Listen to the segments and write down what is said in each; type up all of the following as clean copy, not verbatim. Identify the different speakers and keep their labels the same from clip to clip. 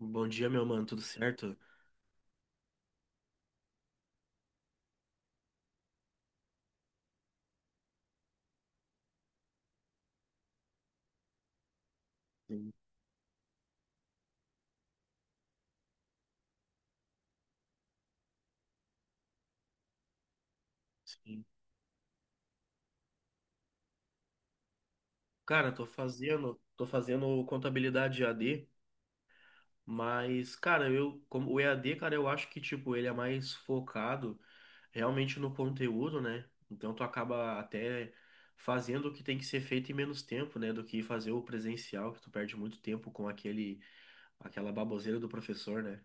Speaker 1: Bom dia, meu mano, tudo certo? Sim. Sim. Cara, tô fazendo contabilidade EAD, mas, cara, eu, como o EAD, cara, eu acho que, tipo, ele é mais focado realmente no conteúdo, né? Então tu acaba até fazendo o que tem que ser feito em menos tempo, né? Do que fazer o presencial, que tu perde muito tempo com aquela baboseira do professor, né?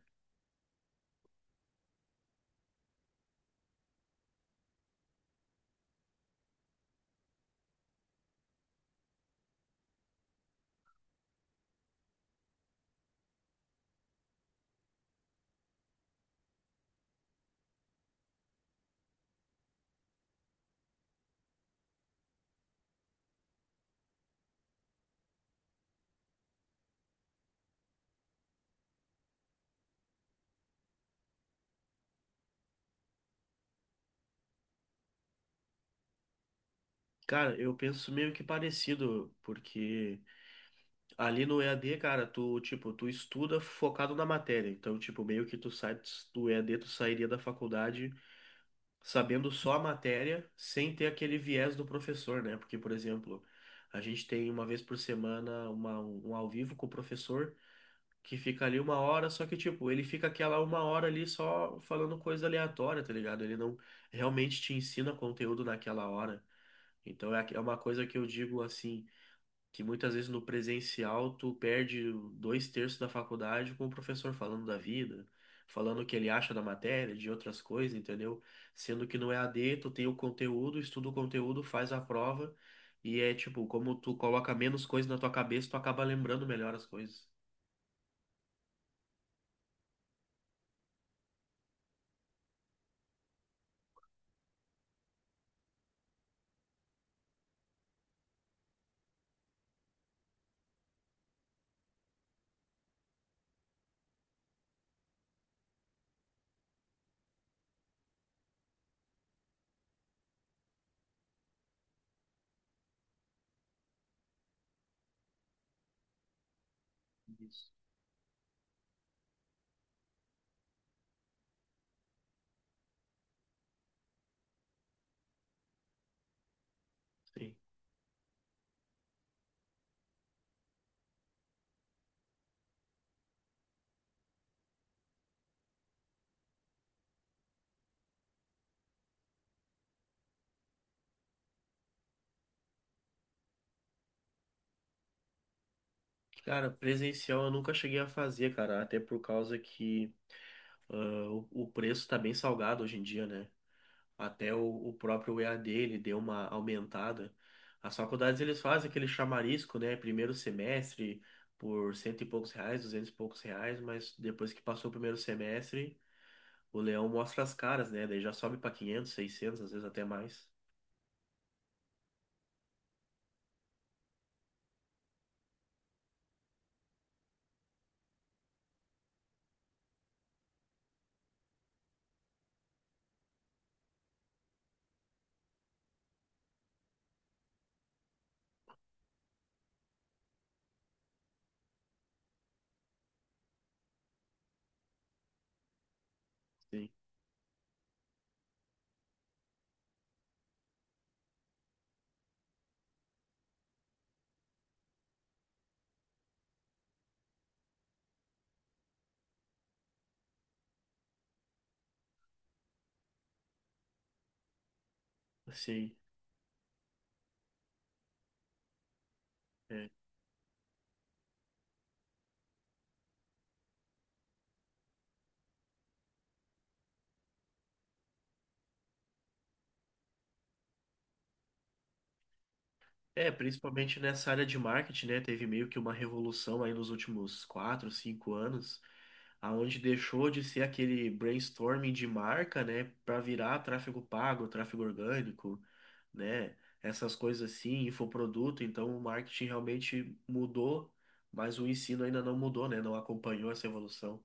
Speaker 1: Cara, eu penso meio que parecido, porque ali no EAD, cara, tu, tipo, tu estuda focado na matéria. Então, tipo, meio que tu sai do EAD, tu sairia da faculdade sabendo só a matéria, sem ter aquele viés do professor, né? Porque, por exemplo, a gente tem uma vez por semana um ao vivo com o professor, que fica ali uma hora, só que, tipo, ele fica aquela uma hora ali só falando coisa aleatória, tá ligado? Ele não realmente te ensina conteúdo naquela hora. Então, é, é uma coisa que eu digo assim, que muitas vezes no presencial tu perde dois terços da faculdade com o professor falando da vida, falando o que ele acha da matéria, de outras coisas, entendeu? Sendo que no EAD tu tem o conteúdo, estuda o conteúdo, faz a prova e é tipo, como tu coloca menos coisa na tua cabeça, tu acaba lembrando melhor as coisas. Isso. Sim. Cara, presencial eu nunca cheguei a fazer, cara, até por causa que ah, o preço tá bem salgado hoje em dia, né? Até o próprio EAD ele deu uma aumentada. As faculdades eles fazem aquele chamarisco, né? Primeiro semestre por cento e poucos reais, duzentos e poucos reais, mas depois que passou o primeiro semestre, o leão mostra as caras, né? Daí já sobe para quinhentos, seiscentos, às vezes até mais. Sim, sim. É. É, principalmente nessa área de marketing, né? Teve meio que uma revolução aí nos últimos quatro, cinco anos, aonde deixou de ser aquele brainstorming de marca, né? Para virar tráfego pago, tráfego orgânico, né? Essas coisas assim, infoproduto. Então, o marketing realmente mudou, mas o ensino ainda não mudou, né? Não acompanhou essa evolução.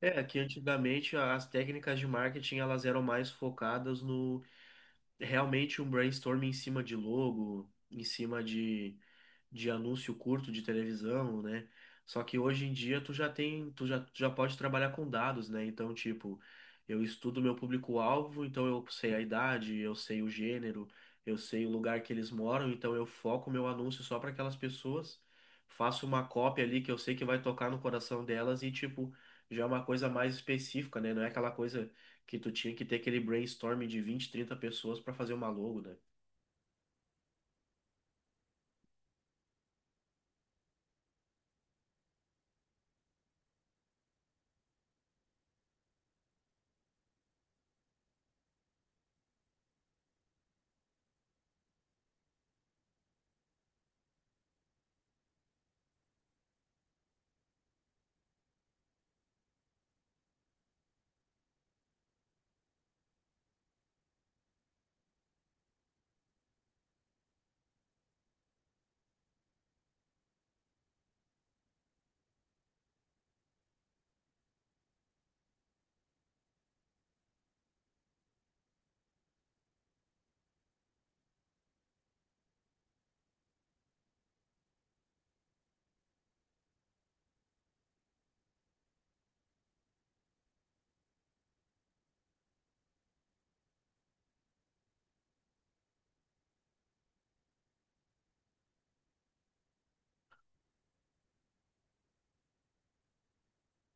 Speaker 1: É, que antigamente as técnicas de marketing elas eram mais focadas no realmente um brainstorming em cima de logo, em cima de anúncio curto de televisão, né? Só que hoje em dia tu já tem, tu já pode trabalhar com dados, né? Então, tipo, eu estudo meu público-alvo, então eu sei a idade, eu sei o gênero, eu sei o lugar que eles moram, então eu foco meu anúncio só para aquelas pessoas, faço uma cópia ali que eu sei que vai tocar no coração delas e, tipo, já é uma coisa mais específica, né? Não é aquela coisa que tu tinha que ter aquele brainstorming de 20, 30 pessoas para fazer uma logo, né?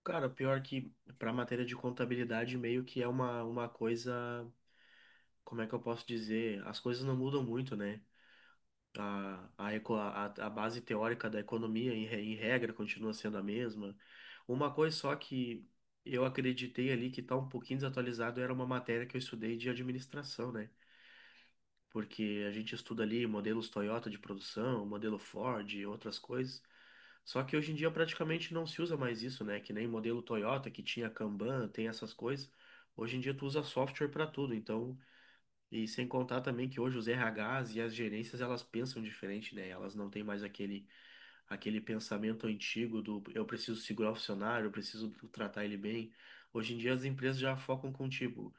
Speaker 1: Cara, o pior que para matéria de contabilidade meio que é uma coisa, como é que eu posso dizer? As coisas não mudam muito, né? A base teórica da economia, em regra, continua sendo a mesma. Uma coisa só que eu acreditei ali que tá um pouquinho desatualizado era uma matéria que eu estudei de administração, né? Porque a gente estuda ali modelos Toyota de produção, modelo Ford, e outras coisas. Só que hoje em dia praticamente não se usa mais isso, né? Que nem modelo Toyota que tinha Kanban, tem essas coisas. Hoje em dia tu usa software para tudo, então, e sem contar também que hoje os RHs e as gerências elas pensam diferente, né? Elas não têm mais aquele pensamento antigo do eu preciso segurar o funcionário, eu preciso tratar ele bem. Hoje em dia as empresas já focam contigo,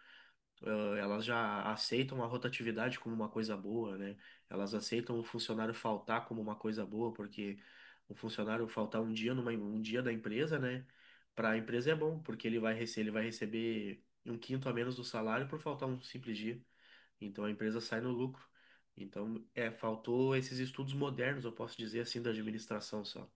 Speaker 1: elas já aceitam a rotatividade como uma coisa boa, né? Elas aceitam o funcionário faltar como uma coisa boa, porque o funcionário faltar um dia um dia da empresa, né? Para a empresa é bom, porque ele vai receber um quinto a menos do salário por faltar um simples dia. Então a empresa sai no lucro. Então, é, faltou esses estudos modernos, eu posso dizer assim, da administração só.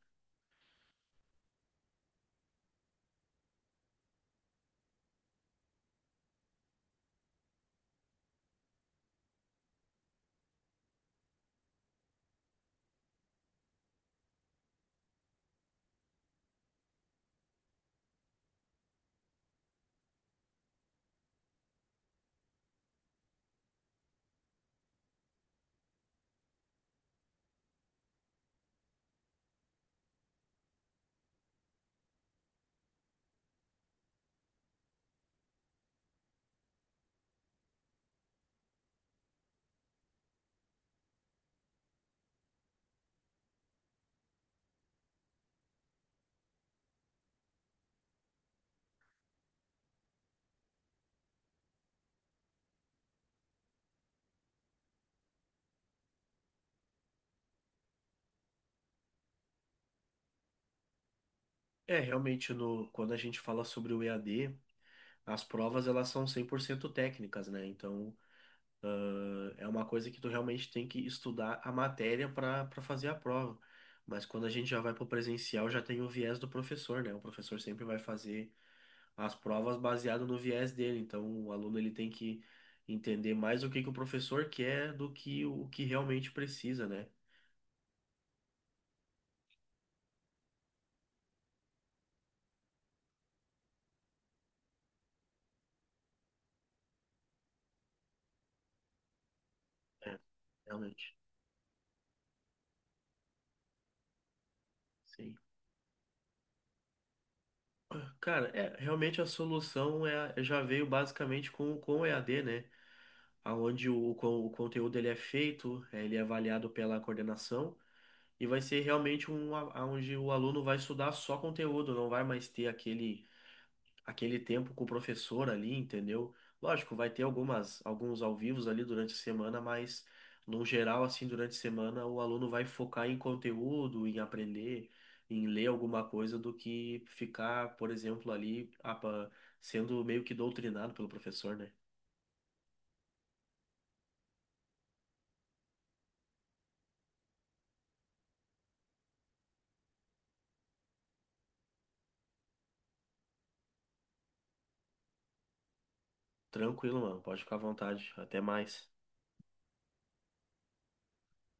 Speaker 1: É, realmente, no, quando a gente fala sobre o EAD, as provas elas são 100% técnicas, né? Então, é uma coisa que tu realmente tem que estudar a matéria para fazer a prova. Mas quando a gente já vai para o presencial, já tem o viés do professor, né? O professor sempre vai fazer as provas baseado no viés dele. Então, o aluno ele tem que entender mais o que que o professor quer do que o que realmente precisa, né? É, realmente. Sim. Cara, é, realmente a solução é, já veio basicamente com o EAD, né? Onde o conteúdo ele é feito, ele é avaliado pela coordenação. E vai ser realmente onde o aluno vai estudar só conteúdo, não vai mais ter aquele tempo com o professor ali, entendeu? Lógico, vai ter alguns ao vivos ali durante a semana, mas no geral, assim, durante a semana, o aluno vai focar em conteúdo, em aprender, em ler alguma coisa, do que ficar, por exemplo, ali sendo meio que doutrinado pelo professor, né? Tranquilo, mano, pode ficar à vontade. Até mais.